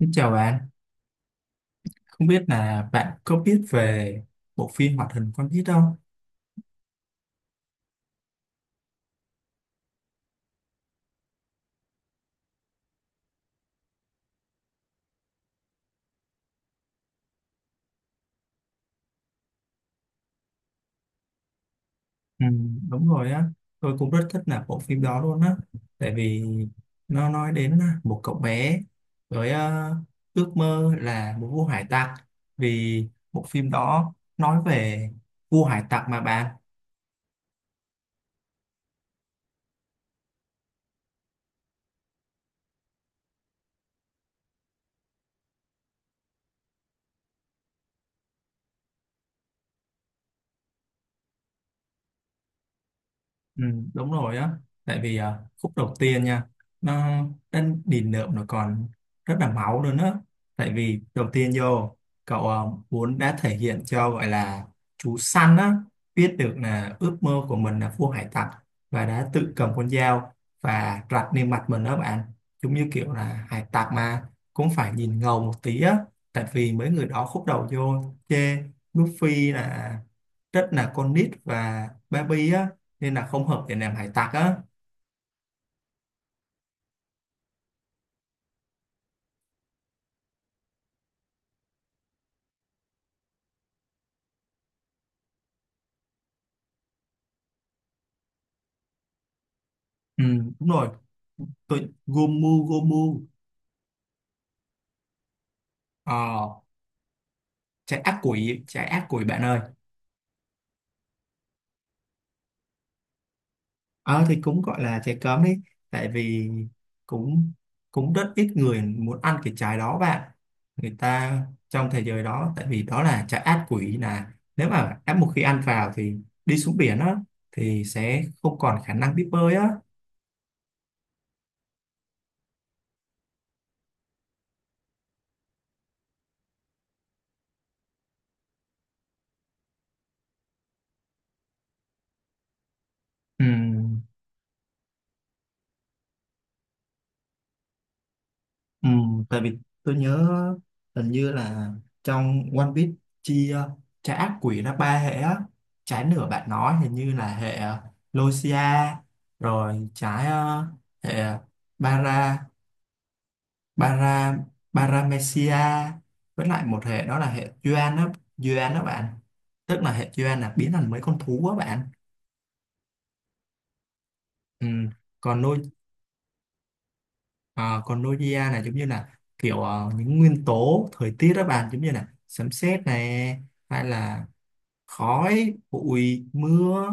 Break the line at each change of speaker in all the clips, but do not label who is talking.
Xin chào bạn, không biết là bạn có biết về bộ phim hoạt hình One Piece không? Ừ, đúng rồi á, tôi cũng rất thích là bộ phim đó luôn á, tại vì nó nói đến một cậu bé với ước mơ là một vua hải tặc, vì bộ phim đó nói về vua hải tặc mà bạn. Ừ, đúng rồi á, tại vì khúc đầu tiên nha, nó đến đỉnh nợ nó còn rất là máu luôn á, tại vì đầu tiên vô cậu muốn đã thể hiện cho gọi là chú săn á biết được là ước mơ của mình là vua hải tặc, và đã tự cầm con dao và rạch lên mặt mình đó bạn, giống như kiểu là hải tặc mà cũng phải nhìn ngầu một tí á, tại vì mấy người đó khúc đầu vô chê Luffy là rất là con nít và baby á, nên là không hợp để làm hải tặc á. Ừ, đúng rồi, tôi Gomu Gomu. ờ, Trái ác quỷ, trái ác quỷ bạn ơi. Ờ thì cũng gọi là trái cấm đi, tại vì cũng cũng rất ít người muốn ăn cái trái đó bạn, người ta trong thế giới đó, tại vì đó là trái ác quỷ, là nếu mà đã một khi ăn vào thì đi xuống biển á thì sẽ không còn khả năng biết bơi á. Ừ, Ừ, tại vì tôi nhớ hình như là trong One Piece chia trái ác quỷ ra ba hệ á. Trái nửa bạn nói hình như là hệ Lucia, rồi trái hệ Bara Bara, Paramecia, với lại một hệ đó là hệ Yuan đó, Yuan đó bạn, tức là hệ Yuan là biến thành mấy con thú á bạn. Ừ, còn nuôi. Ờ, còn Nokia là giống như là kiểu những nguyên tố thời tiết đó bạn, giống như là sấm sét này hay là khói bụi mưa,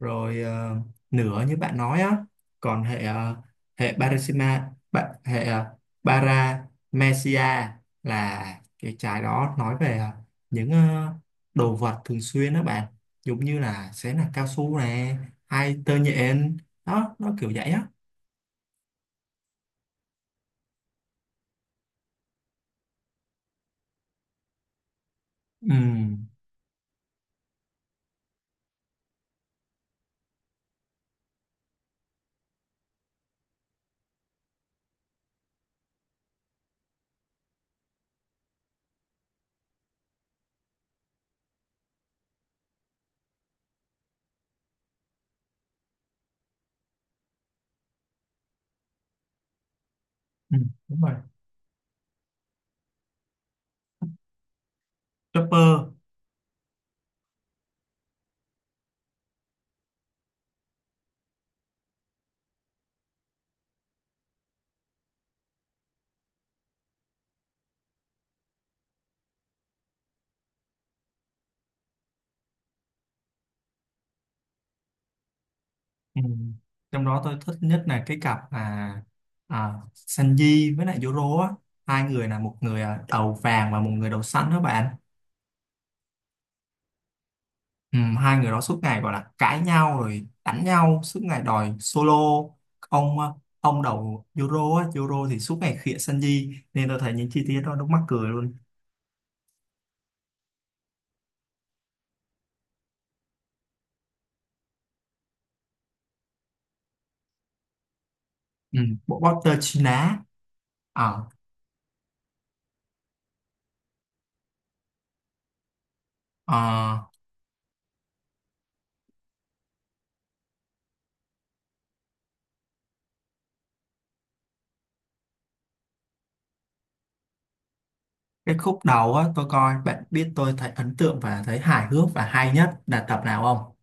rồi lửa như bạn nói á. Còn hệ hệ Parasima ba- hệ Paramecia là cái trái đó nói về những đồ vật thường xuyên đó bạn, giống như là sẽ là cao su này hay tơ nhện đó, nó kiểu vậy á. Ừ, ừ, đúng rồi. Chopper. Ừ. Trong đó tôi thích nhất là cái cặp là Sanji với lại Zoro á, hai người là một người đầu vàng và một người đầu xanh đó bạn. Ừ, hai người đó suốt ngày gọi là cãi nhau rồi đánh nhau suốt ngày đòi solo. ông à, ông đầu Zoro á, Zoro thì suốt ngày khịa Sanji nên tôi thấy những chi tiết đó nó mắc cười luôn. Ừ, bộ bóc tơ chi lá. Ờ, ờ, cái khúc đầu á tôi coi, bạn biết tôi thấy ấn tượng và thấy hài hước và hay nhất là tập nào không?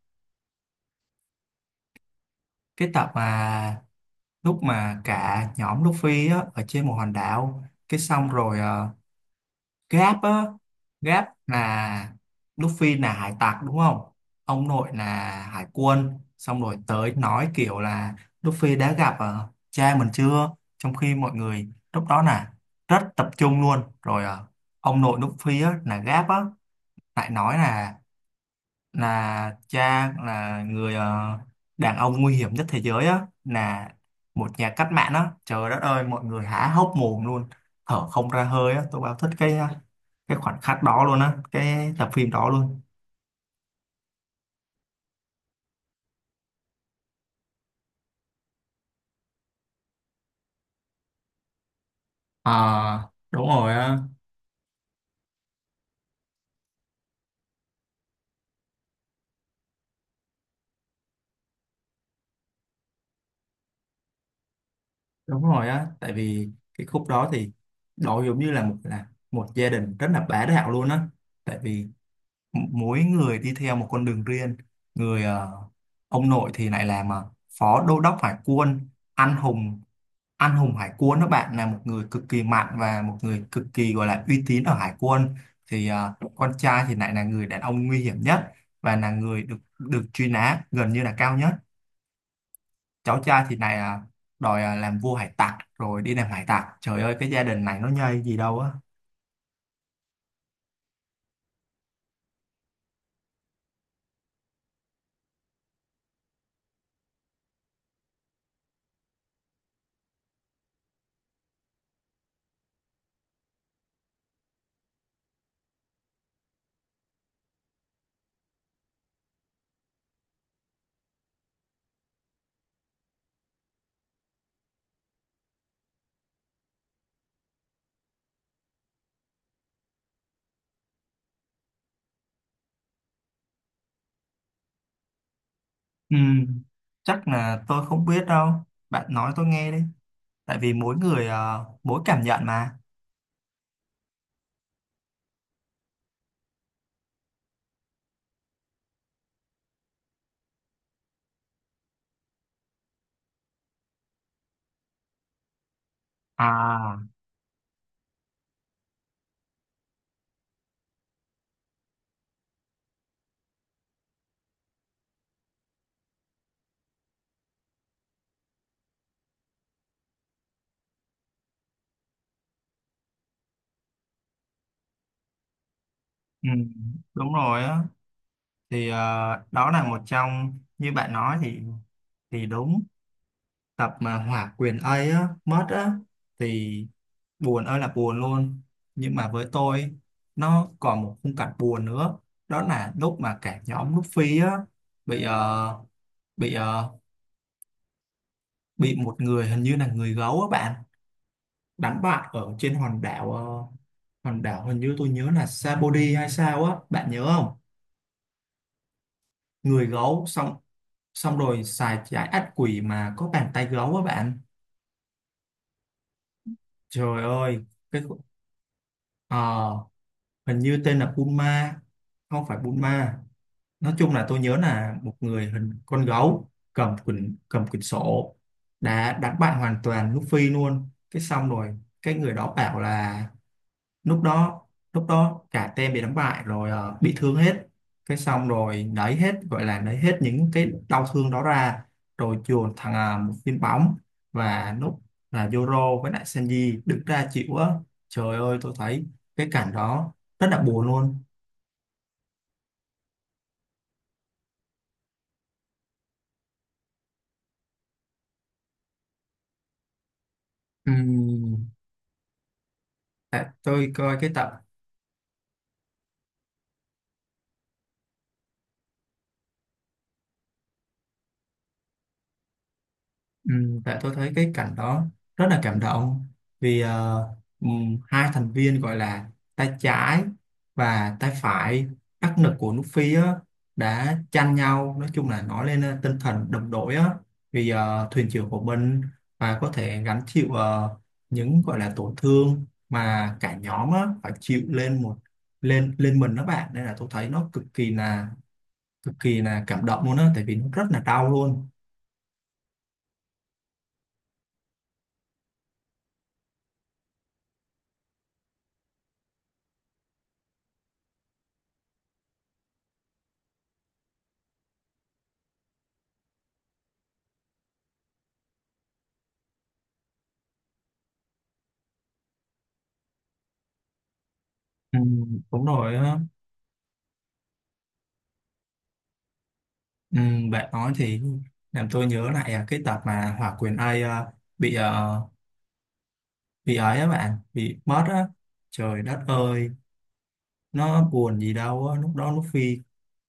Cái tập mà lúc mà cả nhóm Luffy á, ở trên một hòn đảo, cái xong rồi Gap á, Gap là Luffy là hải tặc đúng không, ông nội là hải quân, xong rồi tới nói kiểu là Luffy đã gặp cha mình chưa, trong khi mọi người lúc đó là rất tập trung luôn, rồi ông nội Luffy á, là Gap á, lại nói là cha là người đàn ông nguy hiểm nhất thế giới á, là một nhà cách mạng á, trời đất ơi mọi người há hốc mồm luôn, thở không ra hơi á, tôi bao thích cái khoảnh khắc đó luôn á, cái tập phim đó luôn. À, đúng rồi á. Đúng rồi á, tại vì cái khúc đó thì đó giống như là một gia đình rất là bá đạo luôn á, tại vì mỗi người đi theo một con đường riêng. Người ông nội thì lại làm phó đô đốc hải quân, anh hùng, anh hùng hải quân đó bạn, là một người cực kỳ mạnh và một người cực kỳ gọi là uy tín ở hải quân. Thì con trai thì lại là người đàn ông nguy hiểm nhất và là người được được truy nã gần như là cao nhất. Cháu trai thì lại đòi làm vua hải tặc rồi đi làm hải tặc, trời ơi cái gia đình này nó nhây gì đâu á. Ừ, chắc là tôi không biết đâu, bạn nói tôi nghe đi, tại vì mỗi người mỗi cảm nhận mà. À, ừ, đúng rồi á, thì à, đó là một trong như bạn nói thì đúng, tập mà hỏa quyền ấy á, mất á, thì buồn ơi là buồn luôn. Nhưng mà với tôi nó còn một khung cảnh buồn nữa, đó là lúc mà cả nhóm Luffy á bị bị ờ, bị một người hình như là người gấu á bạn, đánh bại ở trên hòn đảo hòn đảo hình như tôi nhớ là Sabody hay sao á, bạn nhớ không? Người gấu, xong xong rồi xài trái ác quỷ mà có bàn tay gấu á bạn, trời ơi cái khu- Ờ, hình như tên là Puma, không phải Puma, nói chung là tôi nhớ là một người hình con gấu cầm quyển, cầm quyển sổ, đã đánh bại hoàn toàn Luffy luôn. Cái xong rồi cái người đó bảo là lúc đó, cả team bị đánh bại rồi, bị thương hết, cái xong rồi lấy hết gọi là lấy hết những cái đau thương đó ra, rồi chuồn thằng một viên bóng, và lúc là Zoro với lại Sanji đứng ra chịu á, trời ơi tôi thấy cái cảnh đó rất là buồn luôn. Ừm, tại tôi coi cái tập Tại tôi thấy cái cảnh đó rất là cảm động, vì hai thành viên gọi là tay trái và tay phải đắc lực của nước Phi á, đã tranh nhau, nói chung là nói lên tinh thần đồng đội á, vì thuyền trưởng của mình, và có thể gánh chịu những gọi là tổn thương mà cả nhóm á, phải chịu lên một, lên lên mình đó bạn, nên là tôi thấy nó cực kỳ là cảm động luôn á, tại vì nó rất là đau luôn. Ừ, đúng rồi á. Ừ, bạn nói thì làm tôi nhớ lại cái tập mà Hòa Quyền Ây bị à, bị ấy á bạn, bị mất á, trời đất ơi nó buồn gì đâu á, lúc Phi,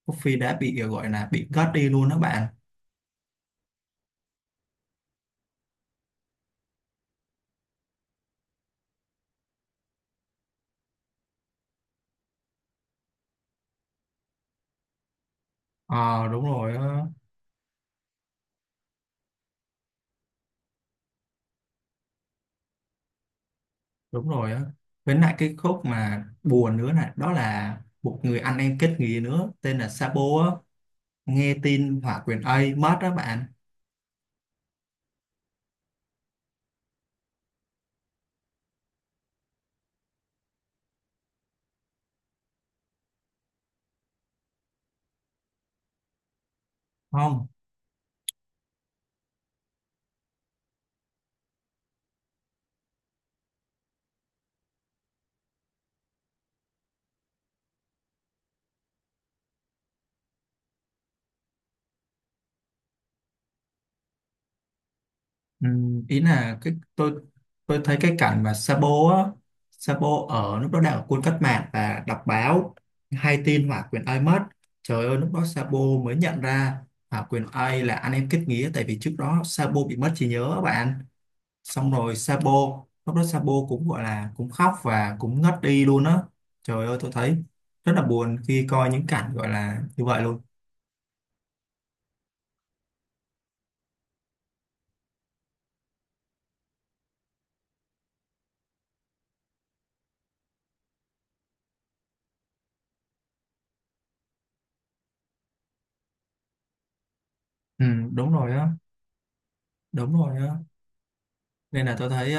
lúc Phi đã bị gọi là bị cất đi luôn đó bạn. Ờ đúng rồi á, đúng rồi á với lại cái khúc mà buồn nữa này đó là một người anh em kết nghĩa nữa tên là Sabo á, nghe tin Hòa Quyền Ây mất đó bạn. Không, ừ, ý là cái tôi thấy cái cảnh mà Sabo á, Sabo ở lúc đó đang ở quân cách mạng và đọc báo, hay tin Hòa Quyền Ai mất, trời ơi lúc đó Sabo mới nhận ra Hòa Quyền Ai là anh em kết nghĩa, tại vì trước đó Sabo bị mất trí nhớ á bạn. Xong rồi Sabo, lúc đó Sabo cũng gọi là cũng khóc và cũng ngất đi luôn á, trời ơi tôi thấy rất là buồn khi coi những cảnh gọi là như vậy luôn. Ừ, đúng rồi á, đúng rồi á nên là tôi thấy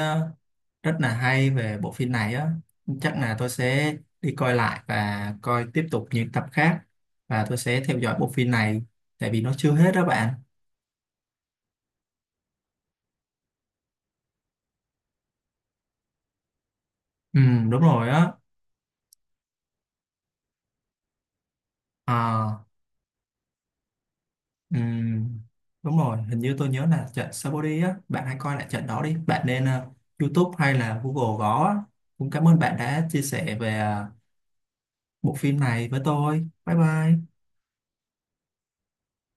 rất là hay về bộ phim này á. Chắc là tôi sẽ đi coi lại và coi tiếp tục những tập khác, và tôi sẽ theo dõi bộ phim này, tại vì nó chưa hết đó bạn. Ừ, đúng rồi á. à, ừ, Đúng rồi, hình như tôi nhớ là trận Saudi á bạn, hãy coi lại trận đó đi bạn, nên YouTube hay là Google gõ á. Cũng cảm ơn bạn đã chia sẻ về bộ phim này với tôi, bye bye.